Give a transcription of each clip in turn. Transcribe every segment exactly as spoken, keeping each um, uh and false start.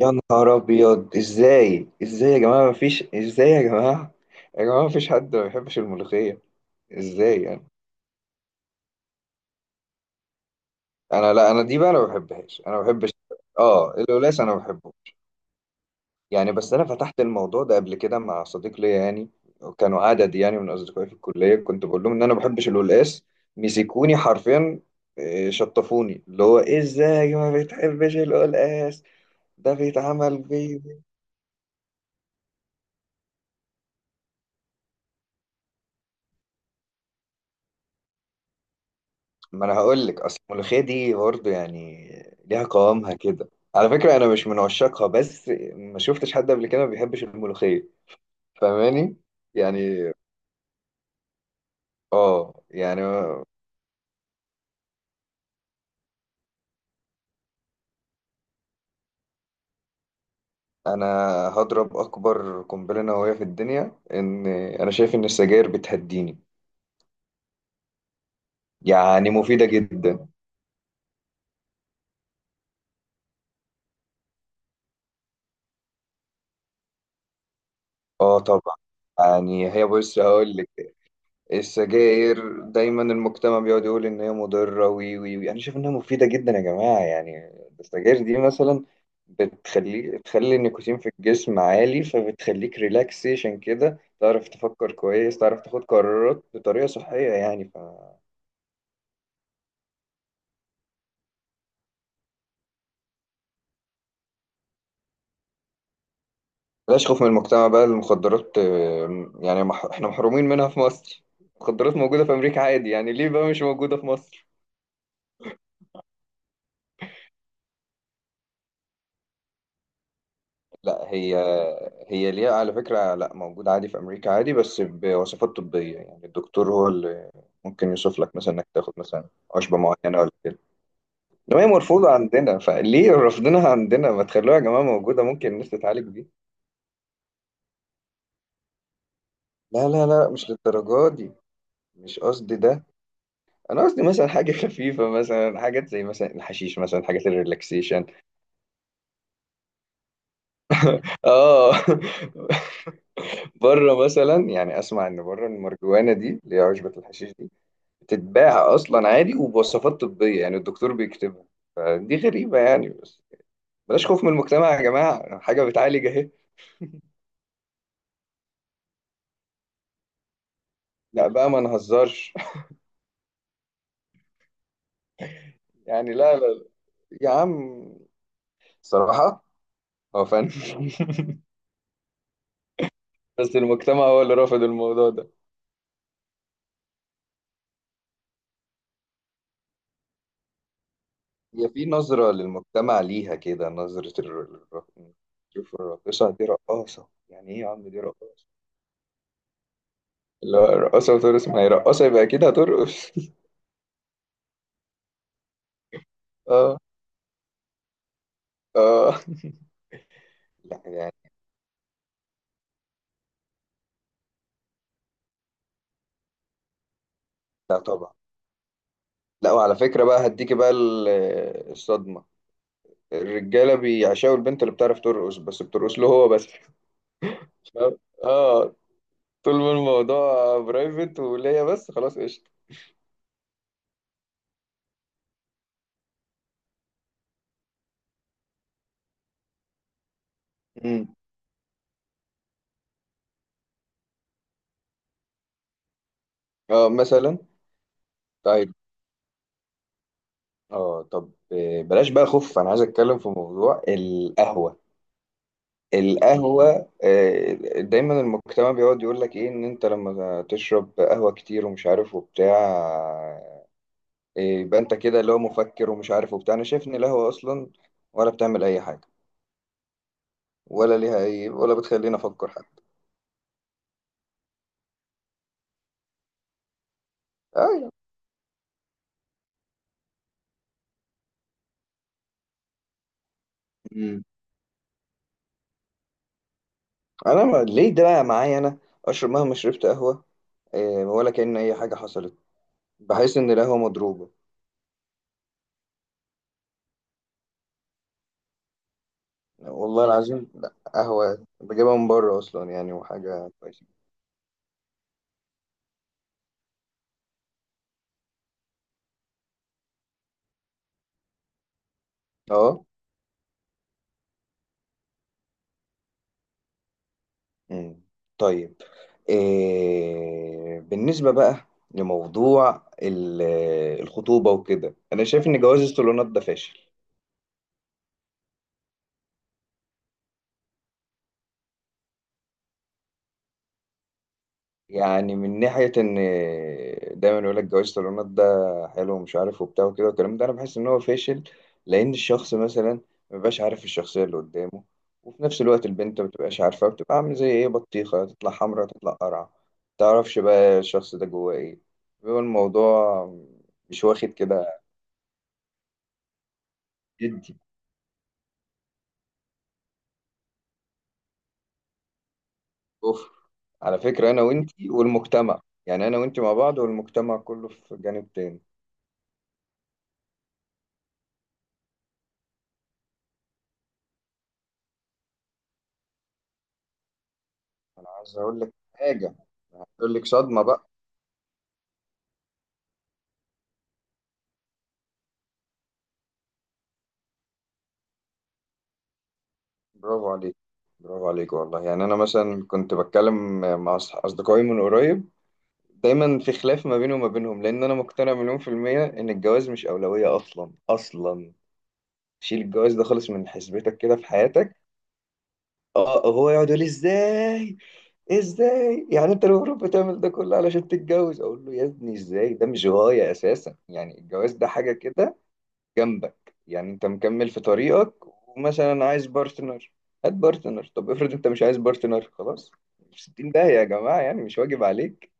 يا نهار ابيض، ازاي؟ ازاي يا جماعه مفيش ازاي يا جماعه يا جماعه، مفيش حد ما بيحبش الملوخيه. ازاي يعني؟ انا لا انا دي بقى، انا ما بحبهاش انا ما بحبش. اه، القلاص انا بحبه. يعني بس انا فتحت الموضوع ده قبل كده مع صديق ليا، يعني كانوا عدد يعني من اصدقائي في الكليه، كنت بقول لهم ان انا ما بحبش القلاص. مسكوني حرفيا، آه، شطفوني، اللي هو ازاي ما بتحبش القلاص؟ ده بيتعمل بيه. ما انا هقول لك، اصل الملوخيه دي برضه يعني ليها قوامها كده، على فكره انا مش من عشاقها، بس ما شفتش حد قبل كده ما بيحبش الملوخيه. فاهماني يعني؟ اه يعني. انا هضرب اكبر قنبله نوويه في الدنيا، ان انا شايف ان السجاير بتهديني، يعني مفيده جدا. اه طبعا، يعني هي بص هقول لك، السجاير دايما المجتمع بيقعد يقول ان هي مضره، وي وي وي، انا شايف انها مفيده جدا يا جماعه يعني. السجاير دي مثلا بتخلي بتخلي النيكوتين في الجسم عالي، فبتخليك ريلاكسيشن كده، تعرف تفكر كويس، تعرف تاخد قرارات بطريقه صحيه، يعني ف بلاش خوف من المجتمع بقى. المخدرات آه، يعني مح... احنا محرومين منها في مصر. المخدرات موجوده في امريكا عادي، يعني ليه بقى مش موجوده في مصر؟ لا هي هي ليها على فكرة، لا موجودة عادي في أمريكا عادي، بس بوصفات طبية، يعني الدكتور هو اللي ممكن يوصف لك مثلا إنك تاخد مثلا عشبة معينة ولا كده. إنما هي مرفوضة عندنا، فليه رفضناها عندنا؟ ما تخلوها يا جماعة موجودة، ممكن الناس تتعالج بيها. لا لا لا، مش للدرجة دي. مش قصدي ده. أنا قصدي مثلا حاجة خفيفة، مثلا حاجات زي مثلا الحشيش مثلا، حاجات الريلاكسيشن. آه بره مثلا، يعني أسمع إن بره المرجوانة دي اللي هي عشبة الحشيش دي بتتباع اصلا عادي وبوصفات طبيه، يعني الدكتور بيكتبها. فدي غريبه يعني، بس بلاش خوف من المجتمع يا جماعه، حاجه بتعالج اهي. لا بقى، ما نهزرش. يعني لا لا لا. يا عم، صراحه هو فن. بس المجتمع هو اللي رافض الموضوع ده. هي في نظره للمجتمع، ليها كده نظره الر- الر- شوف الراقصه دي رقاصه، يعني ايه يا عم؟ دي رقاصه. لا رقاصه وترقص، ما هي رقاصه يبقى كده هترقص. اه، اه. لا يعني. لا طبعا. لا، وعلى فكرة بقى هديكي بقى ال- الصدمة، الرجالة بيعشقوا البنت اللي بتعرف ترقص، بس بترقص له هو بس. فاهم؟ اه، طول ما الموضوع برايفت وليا بس، خلاص قشطة. مم. اه مثلا. طيب، اه طب آه، بلاش بقى خوف، انا عايز اتكلم في موضوع القهوة. القهوة آه، دايما المجتمع بيقعد يقول لك ايه، ان انت لما تشرب قهوة كتير ومش عارف وبتاع، إيه، يبقى انت كده اللي هو مفكر ومش عارف وبتاع. انا شايف ان القهوه اصلا ولا بتعمل اي حاجه، ولا ليها اي، ولا بتخليني افكر حتى. آه. مم. انا ما... ليه ده بقى معايا انا؟ اشرب مهما شربت قهوه، إيه، ولا كأن اي حاجه حصلت. بحس ان القهوه مضروبه. والله العظيم لا، قهوه بجيبها من بره اصلا يعني وحاجه كويسه. اه. مم. طيب، إيه... بالنسبه بقى لموضوع ال- الخطوبه وكده، انا شايف ان جواز الصالونات ده فاشل. يعني من ناحية إن دايما يقول لك جواز الطالونات ده حلو ومش عارف وبتاع وكده والكلام ده، أنا بحس إن هو فاشل، لأن الشخص مثلا مبيبقاش عارف الشخصية اللي قدامه، وفي نفس الوقت البنت مبتبقاش عارفة، بتبقى عاملة زي إيه، بطيخة، تطلع حمرا تطلع قرعة، متعرفش بقى الشخص ده جواه إيه. بيبقى الموضوع مش واخد كده جدي. كفر. على فكرة أنا وإنتي والمجتمع، يعني أنا وإنتي مع بعض والمجتمع كله في جانب تاني. أنا عايز أقول لك حاجة، أقول لك صدمة بقى. برافو عليك، برافو عليك والله. يعني انا مثلا كنت بتكلم مع أص- اصدقائي من قريب، دايما في خلاف ما بيني وما بينهم، لان انا مقتنع مليون في المية ان الجواز مش اولوية اصلا اصلا. شيل الجواز ده خالص من حسبتك كده في حياتك. اه آه، هو يقعد يقول لي ازاي، ازاي يعني انت المفروض بتعمل ده كله علشان تتجوز، اقول له يا ابني ازاي؟ ده مش غاية اساسا، يعني الجواز ده حاجة كده جنبك، يعني انت مكمل في طريقك، ومثلا عايز بارتنر، هات بارتنر، طب افرض انت مش عايز بارتنر خلاص، في ستين داهية يا جماعة، يعني مش واجب عليك.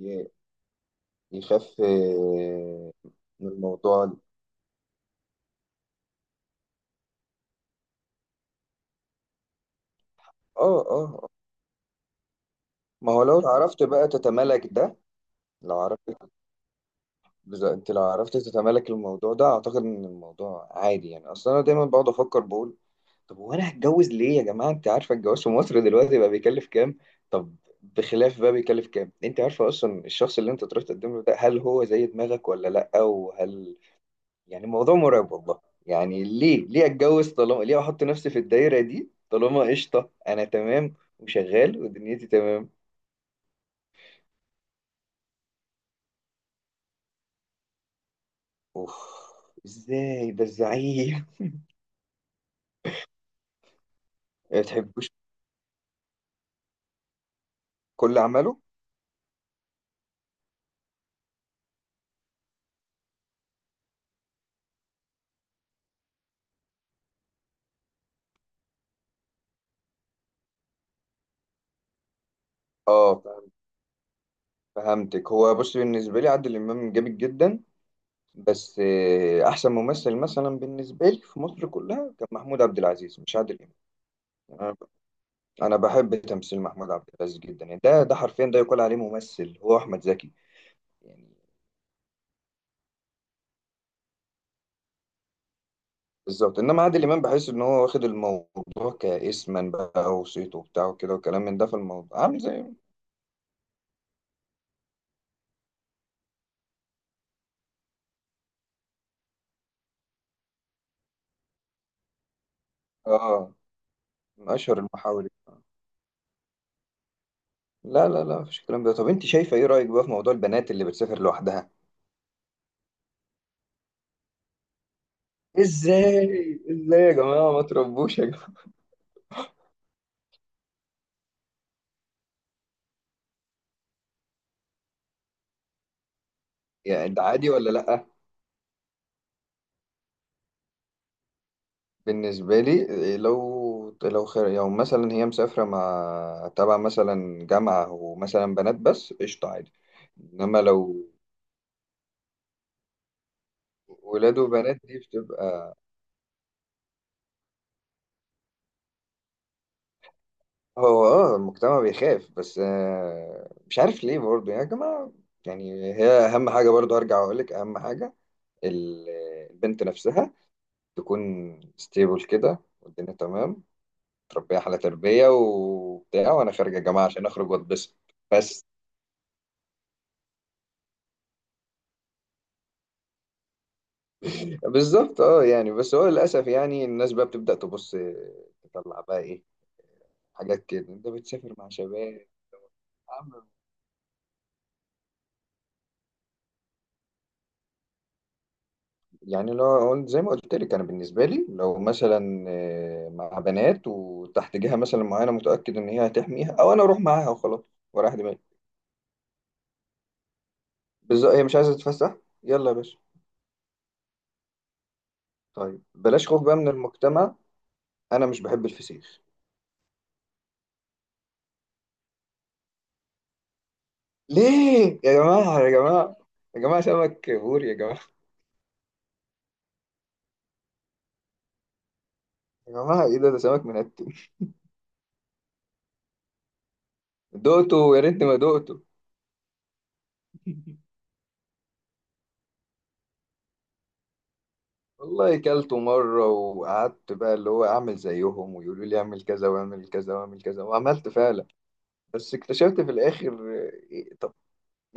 ي- يخف آه، من الموضوع ده. اه، اه. ما هو لو عرفت بقى تتمالك ده، لو عرفت، بز- انت لو عرفت تتمالك الموضوع ده، اعتقد ان الموضوع عادي يعني. اصلا انا دايما بقعد افكر بقول طب هو انا هتجوز ليه يا جماعه؟ انت عارفه الجواز في مصر دلوقتي بقى بيكلف كام؟ طب بخلاف بقى بيكلف كام، انت عارفه اصلا الشخص اللي انت تروح تقدم له ده هل هو زي دماغك ولا لا؟ وهل يعني، الموضوع مرعب والله، يعني ليه؟ ليه اتجوز طالما؟ ليه احط نفسي في الدايره دي طالما قشطه، انا تمام وشغال ودنيتي تمام؟ اوف، ازاي؟ ده الزعيم. ما تحبوش كل عمله؟ اه، فهمتك. هو بص، بالنسبه لي عادل امام جامد جدا، بس آه، احسن ممثل مثلا بالنسبه لي في مصر كلها كان محمود عبد العزيز مش عادل امام. انا أنا بحب تمثيل محمود عبد العزيز جدا، يعني ده ده حرفيا ده يقول عليه ممثل، هو احمد زكي يعني. بالظبط، انما عادل امام بحس ان هو واخد الموضوع كاسما بقى، وصيته وبتاع وكده وكلام من ده، في الموضوع عامل زي، اه، من اشهر المحاور. لا لا لا، مفيش الكلام ده. طب انت شايفه ايه؟ رايك بقى في موضوع البنات اللي بتسافر لوحدها؟ ازاي، ازاي يا جماعه، ما تربوش يا جماعه، يعني ده عادي ولا لا؟ بالنسبة لي، لو لو خير، لو مثلا هي مسافرة مع تبع مثلا جامعة ومثلا بنات بس، قشطة عادي. إنما لو ولاد وبنات، دي بتبقى، هو اه المجتمع بيخاف بس آه، مش عارف ليه برضه يا جماعة. يعني هي أهم حاجة، برضه هرجع وأقولك أهم حاجة، ال- البنت نفسها تكون ستيبل كده والدنيا تمام، تربيها على تربية وبتاع، وأنا خارجة جامعة عشان أخرج وأتبسط بس. بالظبط، اه يعني، بس هو للاسف يعني الناس بقى بتبدا تبص، تطلع بقى ايه حاجات كده، انت بتسافر مع شباب. عم- يعني لو قلت- زي ما قلت لك انا بالنسبه لي، لو مثلا آه، مع بنات وتحت جهه مثلا معينه متاكد ان هي هتحميها، او انا اروح معاها وخلاص ورايح دماغي. بالظبط، هي مش عايزه تتفسح، يلا يا باشا. طيب بلاش خوف بقى من المجتمع، انا مش بحب الفسيخ. ليه يا جماعه، يا جماعه، يا جماعه سمك بوري يا جماعه. يا جماعه ايه ده؟ ده سمك منتن. دقته؟ يا ريتني ما دقته. والله كلته مرة، وقعدت بقى اللي هو أعمل زيهم ويقولوا لي أعمل كذا وأعمل كذا وأعمل كذا، وعملت فعلا، بس اكتشفت في الآخر، إيه، طب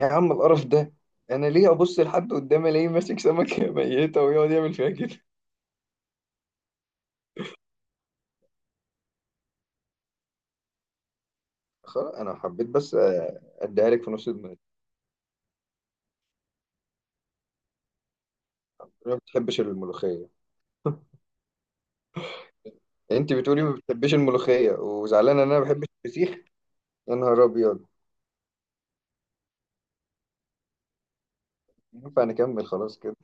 يا عم القرف ده، أنا ليه أبص لحد قدامي ألاقيه ماسك سمكة ميتة ويقعد يعمل فيها كده؟ خلاص أنا حبيت بس آه، أديها لك في نص دماغي. أنا ما بتحبش الملوخية. أنت بتقولي ما بتحبش الملوخية وزعلانة إن أنا ما بحبش الفسيخ؟ يا نهار أبيض. ينفع نكمل خلاص كده؟